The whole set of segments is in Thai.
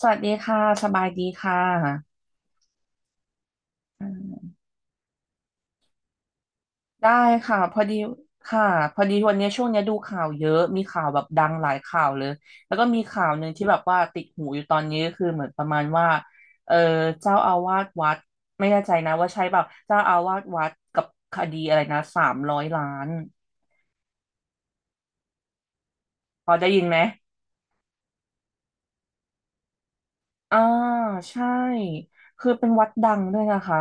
สวัสดีค่ะสบายดีค่ะอ่าได้ค่ะพอดีค่ะพอดีวันนี้ช่วงเนี้ยดูข่าวเยอะมีข่าวแบบดังหลายข่าวเลยแล้วก็มีข่าวหนึ่งที่แบบว่าติดหูอยู่ตอนนี้ก็คือเหมือนประมาณว่าเออเจ้าอาวาสวัดไม่แน่ใจนะว่าใช่เปล่าเจ้าอาวาสวัดกับคดีอะไรนะ300 ล้านพอได้ยินไหม อ่าใช่คือเป็นวัดดังด้วยนะคะ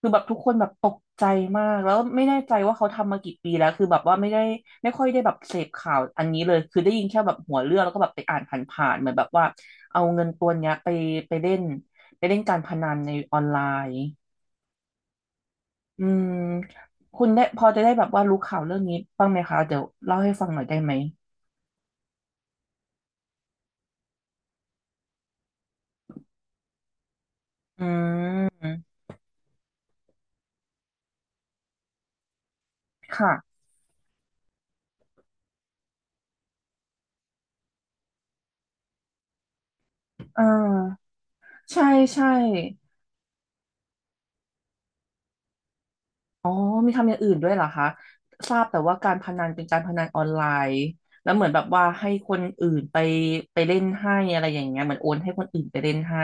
คือแบบทุกคนแบบตกใจมากแล้วไม่แน่ใจว่าเขาทำมากี่ปีแล้วคือแบบว่าไม่ได้ไม่ค่อยได้แบบเสพข่าวอันนี้เลยคือได้ยินแค่แบบหัวเรื่องแล้วก็แบบไปอ่านผ่านๆเหมือนแบบว่าเอาเงินตัวเนี้ยไปไปเล่นไปเล่นการพนันในออนไลน์อืมคุณได้พอจะได้แบบว่ารู้ข่าวเรื่องนี้บ้างไหมคะเดี๋ยวเล่าให้ฟังหน่อยได้ไหมอืมค่ะเออใช่ใช่ อ๋อมีทำอย่างอื่นด้วยเหรอคะทราบแต่ว่าการพนันเป็นการพนันออนไลน์แล้วเหมือนแบบว่าให้คนอื่นไปไปเล่นให้อะไรอย่างเงี้ยเหมือนโอนให้คนอื่นไปเล่นให้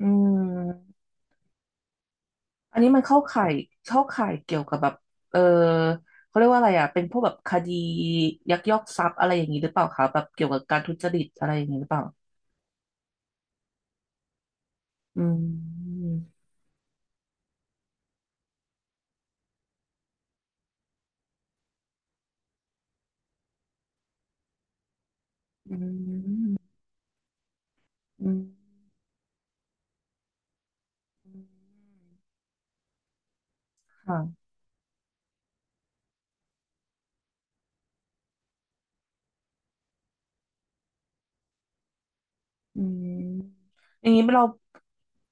อืมอันนี้มันเข้าข่ายเข้าข่ายเกี่ยวกับแบบเออเขาเรียกว่าอะไรอ่ะเป็นพวกแบบคดียักยอกทรัพย์อะไรอย่างนี้หรือเปล่าคะแบบเกี่ยวกับการทุจริตอะไรอย่างนี้หรือเปล่าอืมอืมอืมค่ะ อืมอย่างนี้เรา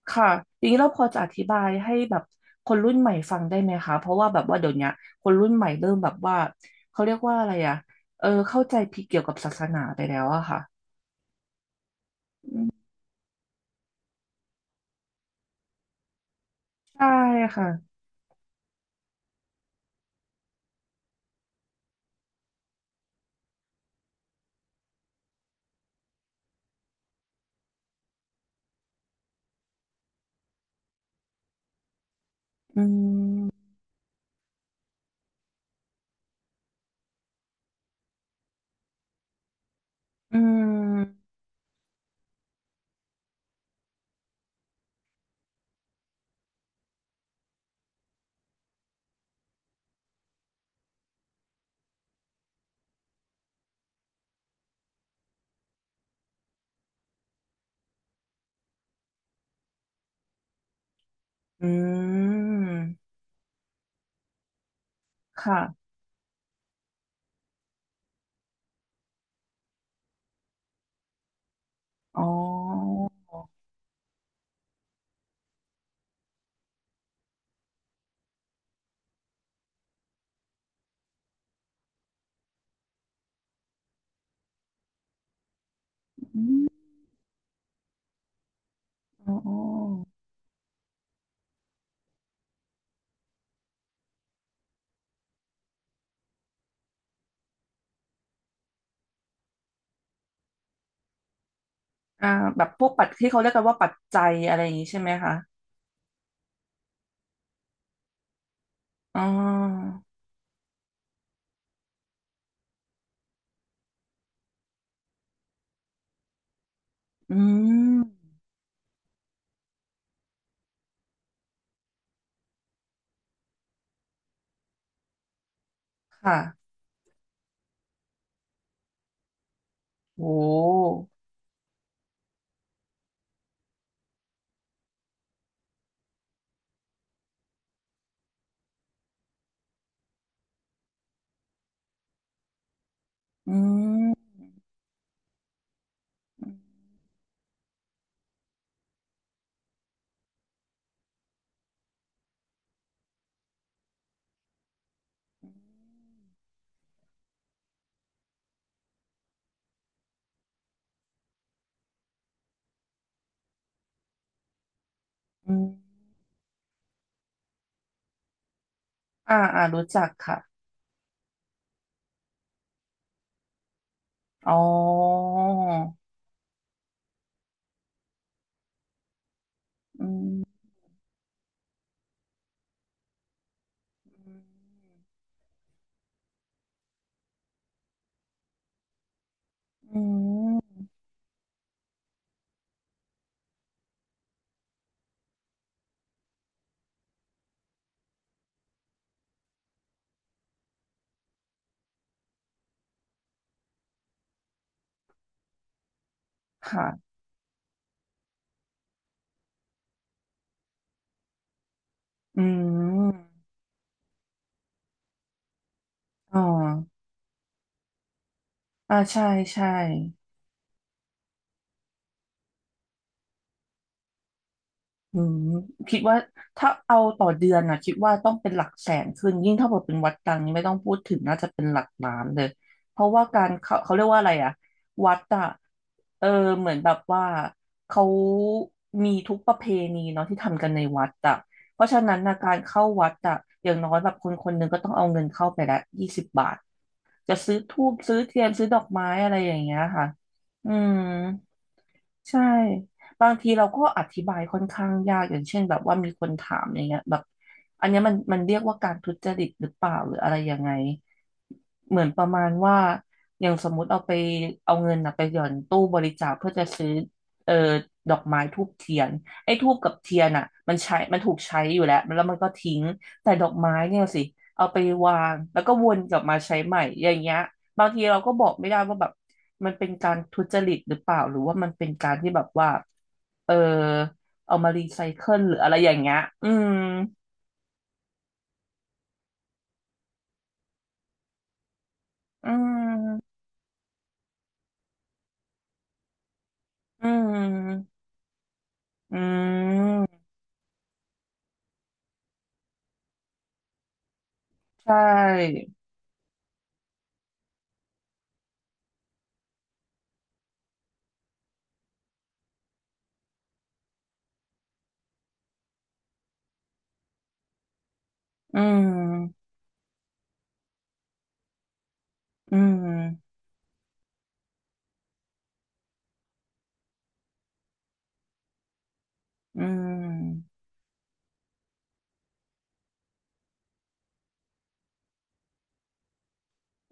ค่ะอย่างนี้เราพอจะอธิบายให้แบบคนรุ่นใหม่ฟังได้ไหมคะเพราะว่าแบบว่าเดี๋ยวเนี้ยคนรุ่นใหม่เริ่มแบบว่าเขาเรียกว่าอะไรอะเข้าใจผิดเกี่ยวกับศาสนาไปแล้วอะค่ะอืมใช่ค่ะอืมอืมอืมค่ะอ๋ออืมอ๋ออ๋ออ่าแบบพวกปัจที่เขาเรียกกันว่าปัจจัยอะไรอย่างนี้ใช่ไหมคะอ๋ออืมค่ะโห อืมอืม อ่าอ่ารู้จักค่ะอ๋ออืม ค่ะ อืม อ๋อ อ่าใช่ใช่ อืมคิดว่าถ้าเอาต่อเดือนนะคิดว่าต้องเป็นหลักแสนขึ้นยิ่งถ้าเกิดเป็นวัดดังนี่ไม่ต้องพูดถึงน่าจะเป็นหลักล้านเลยเพราะว่าการเขาเขาเรียกว่าอะไรอะวัดอะเออเหมือนแบบว่าเขามีทุกประเพณีเนาะที่ทำกันในวัดอะเพราะฉะนั้นนะการเข้าวัดอะอย่างน้อยแบบคนคนหนึ่งก็ต้องเอาเงินเข้าไปละ20 บาทจะซื้อธูปซื้อเทียนซื้อดอกไม้อะไรอย่างเงี้ยค่ะอืม ใช่บางทีเราก็อธิบายค่อนข้างยากอย่างเช่นแบบว่ามีคนถามอย่างเงี้ยแบบอันเนี้ยมันมันเรียกว่าการทุจริตหรือเปล่าหรืออะไรยังไงเหมือนประมาณว่าอย่างสมมุติเอาไปเอาเงินนะไปหย่อนตู้บริจาคเพื่อจะซื้อเอ่อดอกไม้ธูปเทียนไอ้ธูปกับเทียนอ่ะมันใช้มันถูกใช้อยู่แล้วแล้วมันก็ทิ้งแต่ดอกไม้เนี่ยสิเอาไปวางแล้วก็วนกลับมาใช้ใหม่อย่างเงี้ย บางทีเราก็บอกไม่ได้ว่าแบบมันเป็นการทุจริตหรือเปล่าหรือว่ามันเป็นการที่แบบว่าเออเอามารีไซเคิลหรืออะไรอย่างเงี้ย อืม อืม อืม อืม ใช่ อืม อืม อืม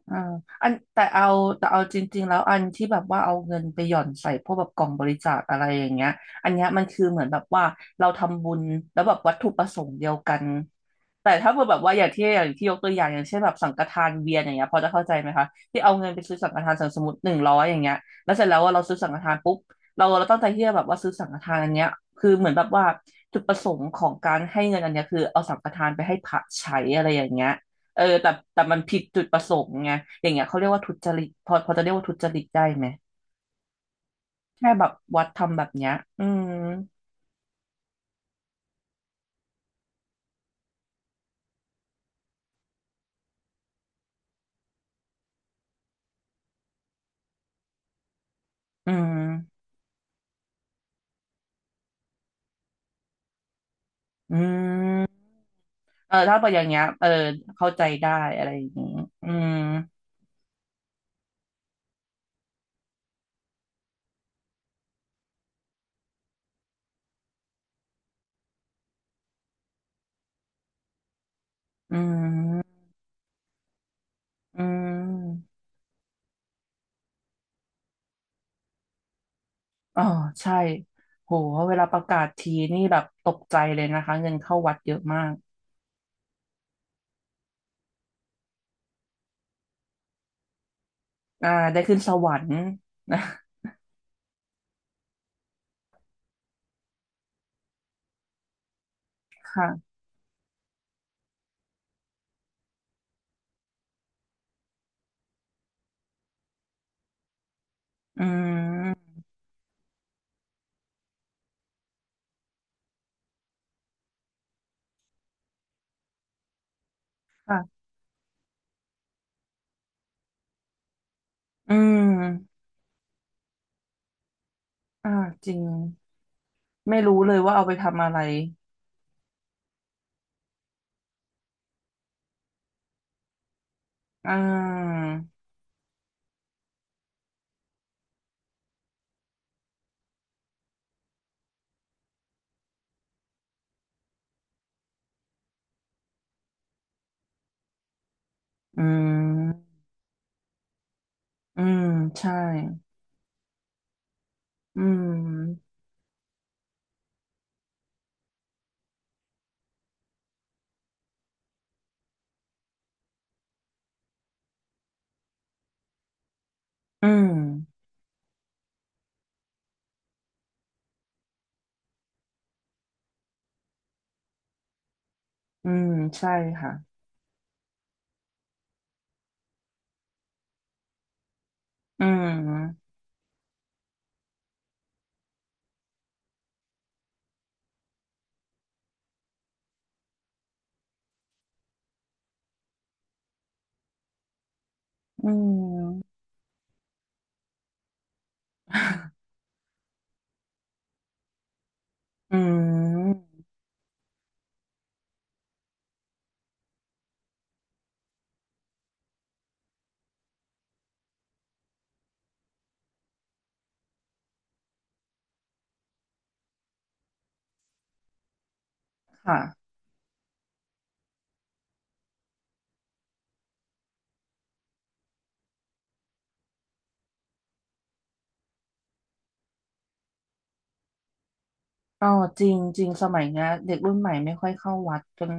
อ่าอันแต่เอาแต่เอาจริงๆแล้วอันที่แบบว่าเอาเงินไปหย่อนใส่พวกแบบกล่องบริจาคอะไรอย่างเงี้ยอันเนี้ยมันคือเหมือนแบบว่าเราทำบุญแล้วแบบวัตถุประสงค์เดียวกันแต่ถ้าเกิดแบบว่าอย่างที่อย่างที่ยกตัวอย่างอย่างเช่นแบบสังฆทานเวียนอย่างเงี้ยพอจะเข้าใจไหมคะที่เอาเงินไปซื้อสังฆทานสมมติ100อย่างเงี้ยแล้วเสร็จแล้วว่าเราซื้อสังฆทานปุ๊บเราเราตั้งใจที่จะแบบว่าซื้อสังฆทานอันเนี้ยคือเหมือนแบบว่าจุดประสงค์ของการให้เงินอันเนี้ยคือเอาสังฆทานไปให้พระใช้อะไรอย่างเงี้ย เออแต่แต่มันผิดจุดประสงค์ไงอย่างเงี้ยเขาเรียกว่าทุจริตพอพอจะเรียกว่าทุจริตได้ไหมแค่แบบวัดทำแบบเนี้ยอืมอืมอืมถ้าเป็นอย่างเงี้ยเออเข้าใจได้อะไรอย่างงี้อืมอืมอืมอ๋อใช่โหเวลาประกาศทีนี่แบบตกใจเลยนะคะเงินเข้าวัดเยอะมากอ่าได้ขึ้นสวรรค์นะ ค่ะอืมค่ะอืมอ่าจริงไม่รู้เลยว่าเอาไปทำอะไร อ่าอืมอืมใช่ อืมอืมอืมใช่ค่ะ อืมอืมอืมค่ะก็จริงจริงสมัยเนี้ยเด็กรุ่นใหม่ไม่ค่อยเข้าวัดกัน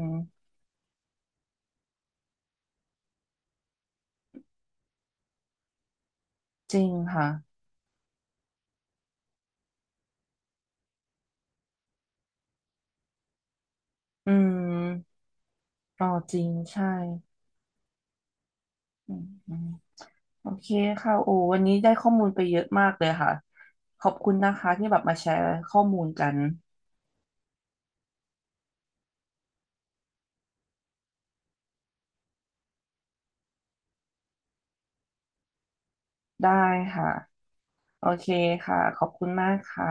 จริงค่ะ อืมก็จริงใช่อืมอืมโอเคค่ะโอ้วันนี้ได้ข้อมูลไปเยอะมากเลยค่ะขอบคุณนะคะที่แบบมาแชร์ข้อมูลกันได้ค่ะโอเคค่ะขอบคุณมากค่ะ